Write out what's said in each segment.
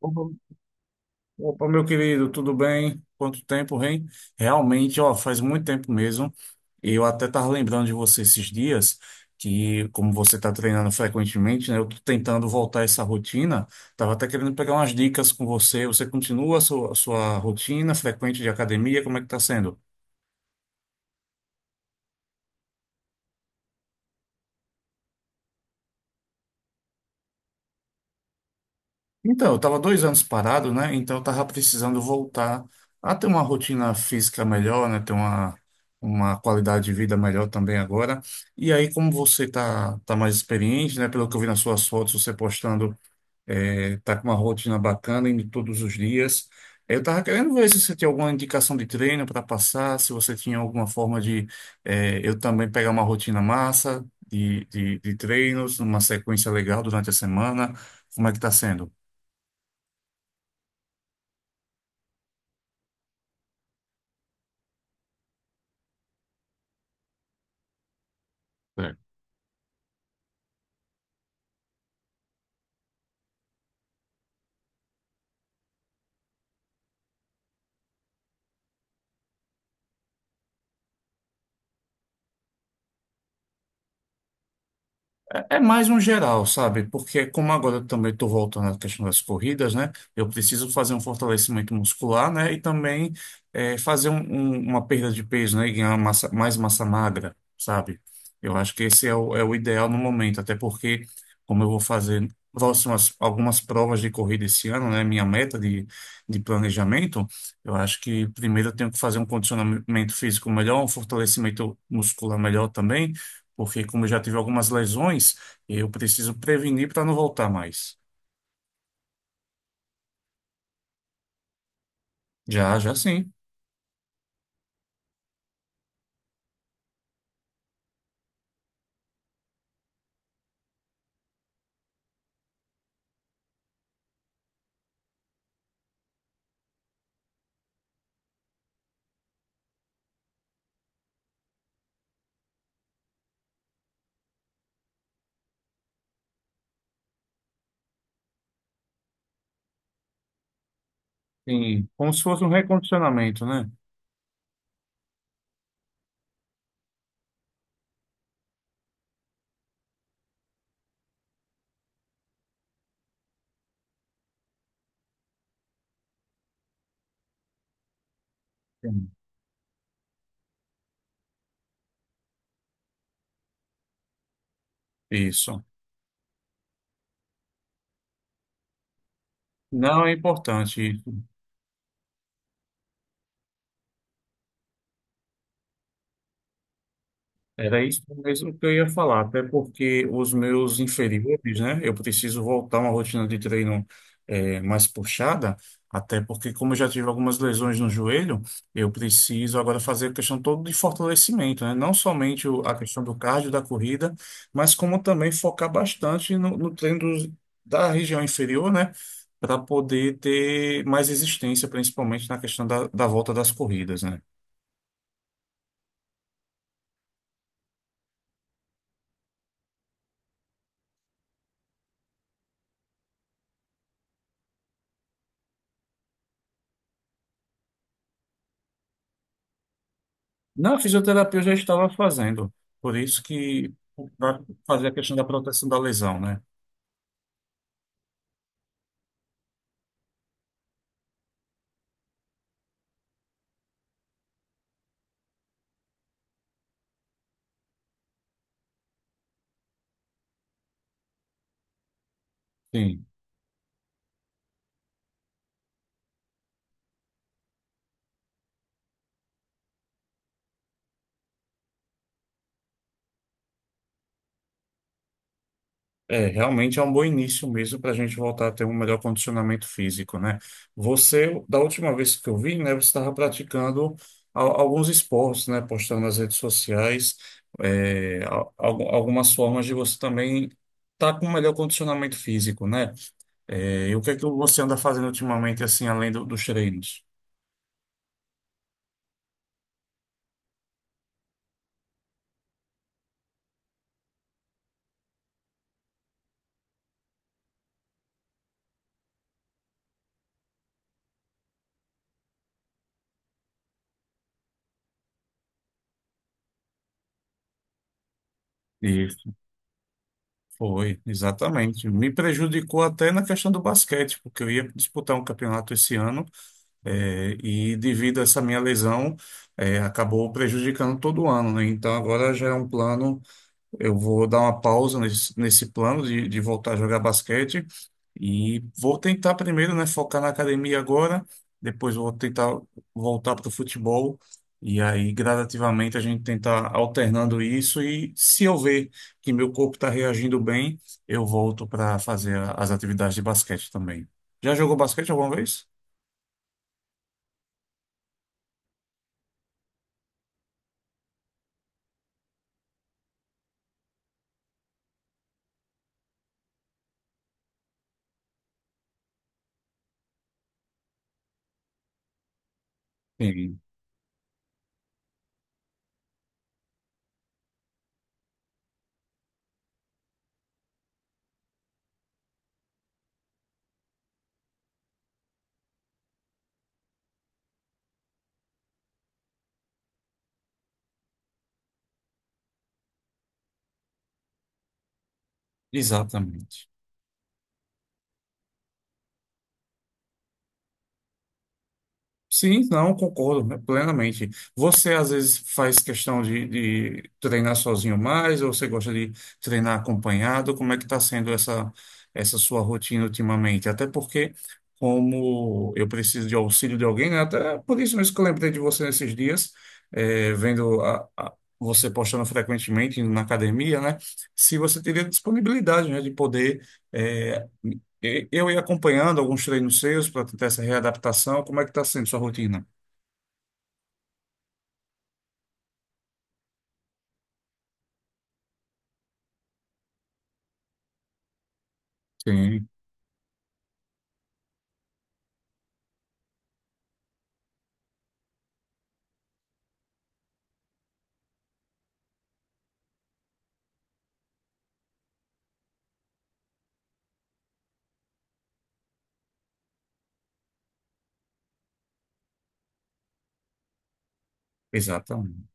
Opa, opa, meu querido, tudo bem? Quanto tempo, hein? Realmente, ó, faz muito tempo mesmo. Eu até estava lembrando de você esses dias, que como você está treinando frequentemente, né? Eu tô tentando voltar essa rotina. Estava até querendo pegar umas dicas com você. Você continua a sua rotina frequente de academia? Como é que está sendo? Então, eu estava 2 anos parado, né? Então, eu estava precisando voltar a ter uma rotina física melhor, né? Ter uma qualidade de vida melhor também agora. E aí, como você tá mais experiente, né? Pelo que eu vi nas suas fotos, você postando, tá com uma rotina bacana indo todos os dias. Eu estava querendo ver se você tinha alguma indicação de treino para passar, se você tinha alguma forma de, eu também pegar uma rotina massa de treinos, uma sequência legal durante a semana. Como é que está sendo? É mais um geral, sabe? Porque como agora eu também estou voltando à questão das corridas, né? Eu preciso fazer um fortalecimento muscular, né? E também fazer uma perda de peso, né? E ganhar mais massa magra, sabe? Eu acho que esse é o ideal no momento, até porque como eu vou fazer próximas, algumas provas de corrida esse ano, né? Minha meta de planejamento, eu acho que primeiro eu tenho que fazer um condicionamento físico melhor, um fortalecimento muscular melhor também porque como eu já tive algumas lesões, eu preciso prevenir para não voltar mais. Já, já sim. Sim, como se fosse um recondicionamento, né? Sim. Isso. Não é importante. Era isso mesmo que eu ia falar, até porque os meus inferiores, né? Eu preciso voltar a uma rotina de treino mais puxada, até porque, como eu já tive algumas lesões no joelho, eu preciso agora fazer a questão toda de fortalecimento, né? Não somente a questão do cardio, da corrida, mas como também focar bastante no treino da região inferior, né? Para poder ter mais resistência, principalmente na questão da volta das corridas, né? Na fisioterapia eu já estava fazendo, por isso que para fazer a questão da proteção da lesão, né? Sim. É, realmente é um bom início mesmo para a gente voltar a ter um melhor condicionamento físico, né? Você, da última vez que eu vi, né, você estava praticando alguns esportes, né? Postando nas redes sociais, é, algumas formas de você também estar com um melhor condicionamento físico, né? É, e o que é que você anda fazendo ultimamente, assim, além dos treinos? Foi, exatamente. Me prejudicou até na questão do basquete, porque eu ia disputar um campeonato esse ano, e devido a essa minha lesão, acabou prejudicando todo ano, né? Então agora já é um plano. Eu vou dar uma pausa nesse plano de voltar a jogar basquete e vou tentar primeiro, né, focar na academia agora, depois vou tentar voltar para o futebol e aí gradativamente a gente tentar alternando isso e se eu ver que meu corpo está reagindo bem, eu volto para fazer as atividades de basquete também. Já jogou basquete alguma vez? Sim, exatamente. Sim, não, concordo, né, plenamente. Você às vezes faz questão de treinar sozinho mais, ou você gosta de treinar acompanhado? Como é que está sendo essa sua rotina ultimamente? Até porque, como eu preciso de auxílio de alguém, né, até por isso mesmo que eu lembrei de você nesses dias, vendo você postando frequentemente na academia, né? Se você teria disponibilidade, né, de poder. eh, Eu ia acompanhando alguns treinos seus para tentar essa readaptação. Como é que está sendo sua rotina? Sim, exatamente.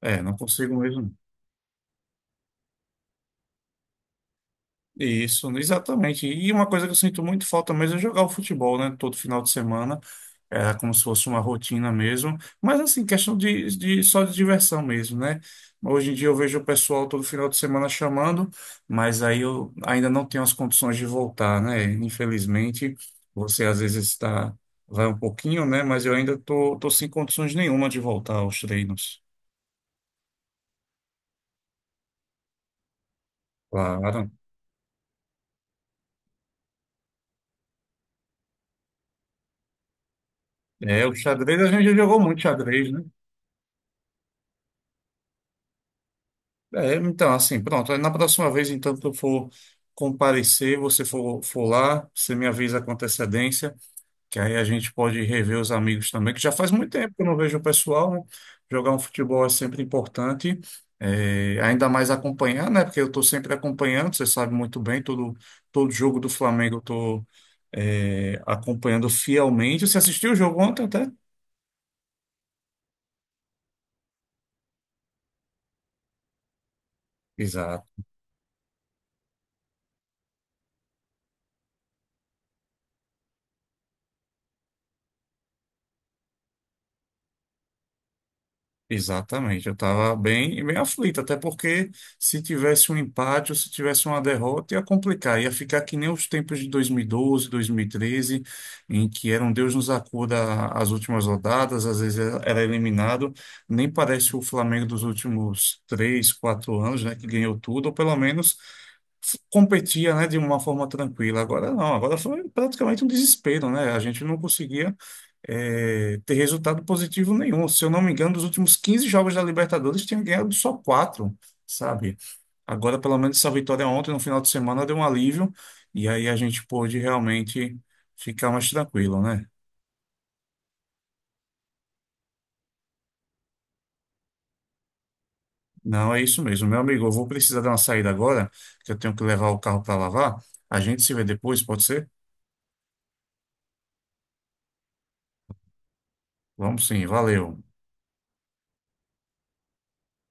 É, não consigo mesmo. Isso, exatamente. E uma coisa que eu sinto muito falta mesmo é jogar o futebol, né? Todo final de semana. Era como se fosse uma rotina mesmo. Mas assim, questão de só de diversão mesmo, né? Hoje em dia eu vejo o pessoal todo final de semana chamando, mas aí eu ainda não tenho as condições de voltar, né? Infelizmente, você às vezes está, vai um pouquinho, né? Mas eu ainda tô sem condições nenhuma de voltar aos treinos. Claro. É, o xadrez a gente já jogou muito xadrez, né? É, então, assim, pronto. Aí na próxima vez, então, que eu for comparecer, você for, for lá, você me avisa com antecedência, que aí a gente pode rever os amigos também, que já faz muito tempo que eu não vejo o pessoal, né? Jogar um futebol é sempre importante, é, ainda mais acompanhar, né? Porque eu estou sempre acompanhando, você sabe muito bem, todo, todo jogo do Flamengo eu estou, acompanhando fielmente. Você assistiu o jogo ontem até? Exato. Exatamente, eu estava bem, bem aflito, até porque se tivesse um empate ou se tivesse uma derrota ia complicar, ia ficar que nem os tempos de 2012, 2013, em que era um Deus nos acuda as últimas rodadas, às vezes era eliminado, nem parece o Flamengo dos últimos 3, 4 anos, né, que ganhou tudo, ou pelo menos competia, né, de uma forma tranquila. Agora não, agora foi praticamente um desespero, né? A gente não conseguia ter resultado positivo nenhum. Se eu não me engano, dos últimos 15 jogos da Libertadores, tinha ganhado só quatro, sabe? Agora, pelo menos, essa vitória ontem, no final de semana, deu um alívio, e aí a gente pôde realmente ficar mais tranquilo, né? Não, é isso mesmo. Meu amigo, eu vou precisar dar uma saída agora, que eu tenho que levar o carro para lavar. A gente se vê depois, pode ser? Vamos sim, valeu.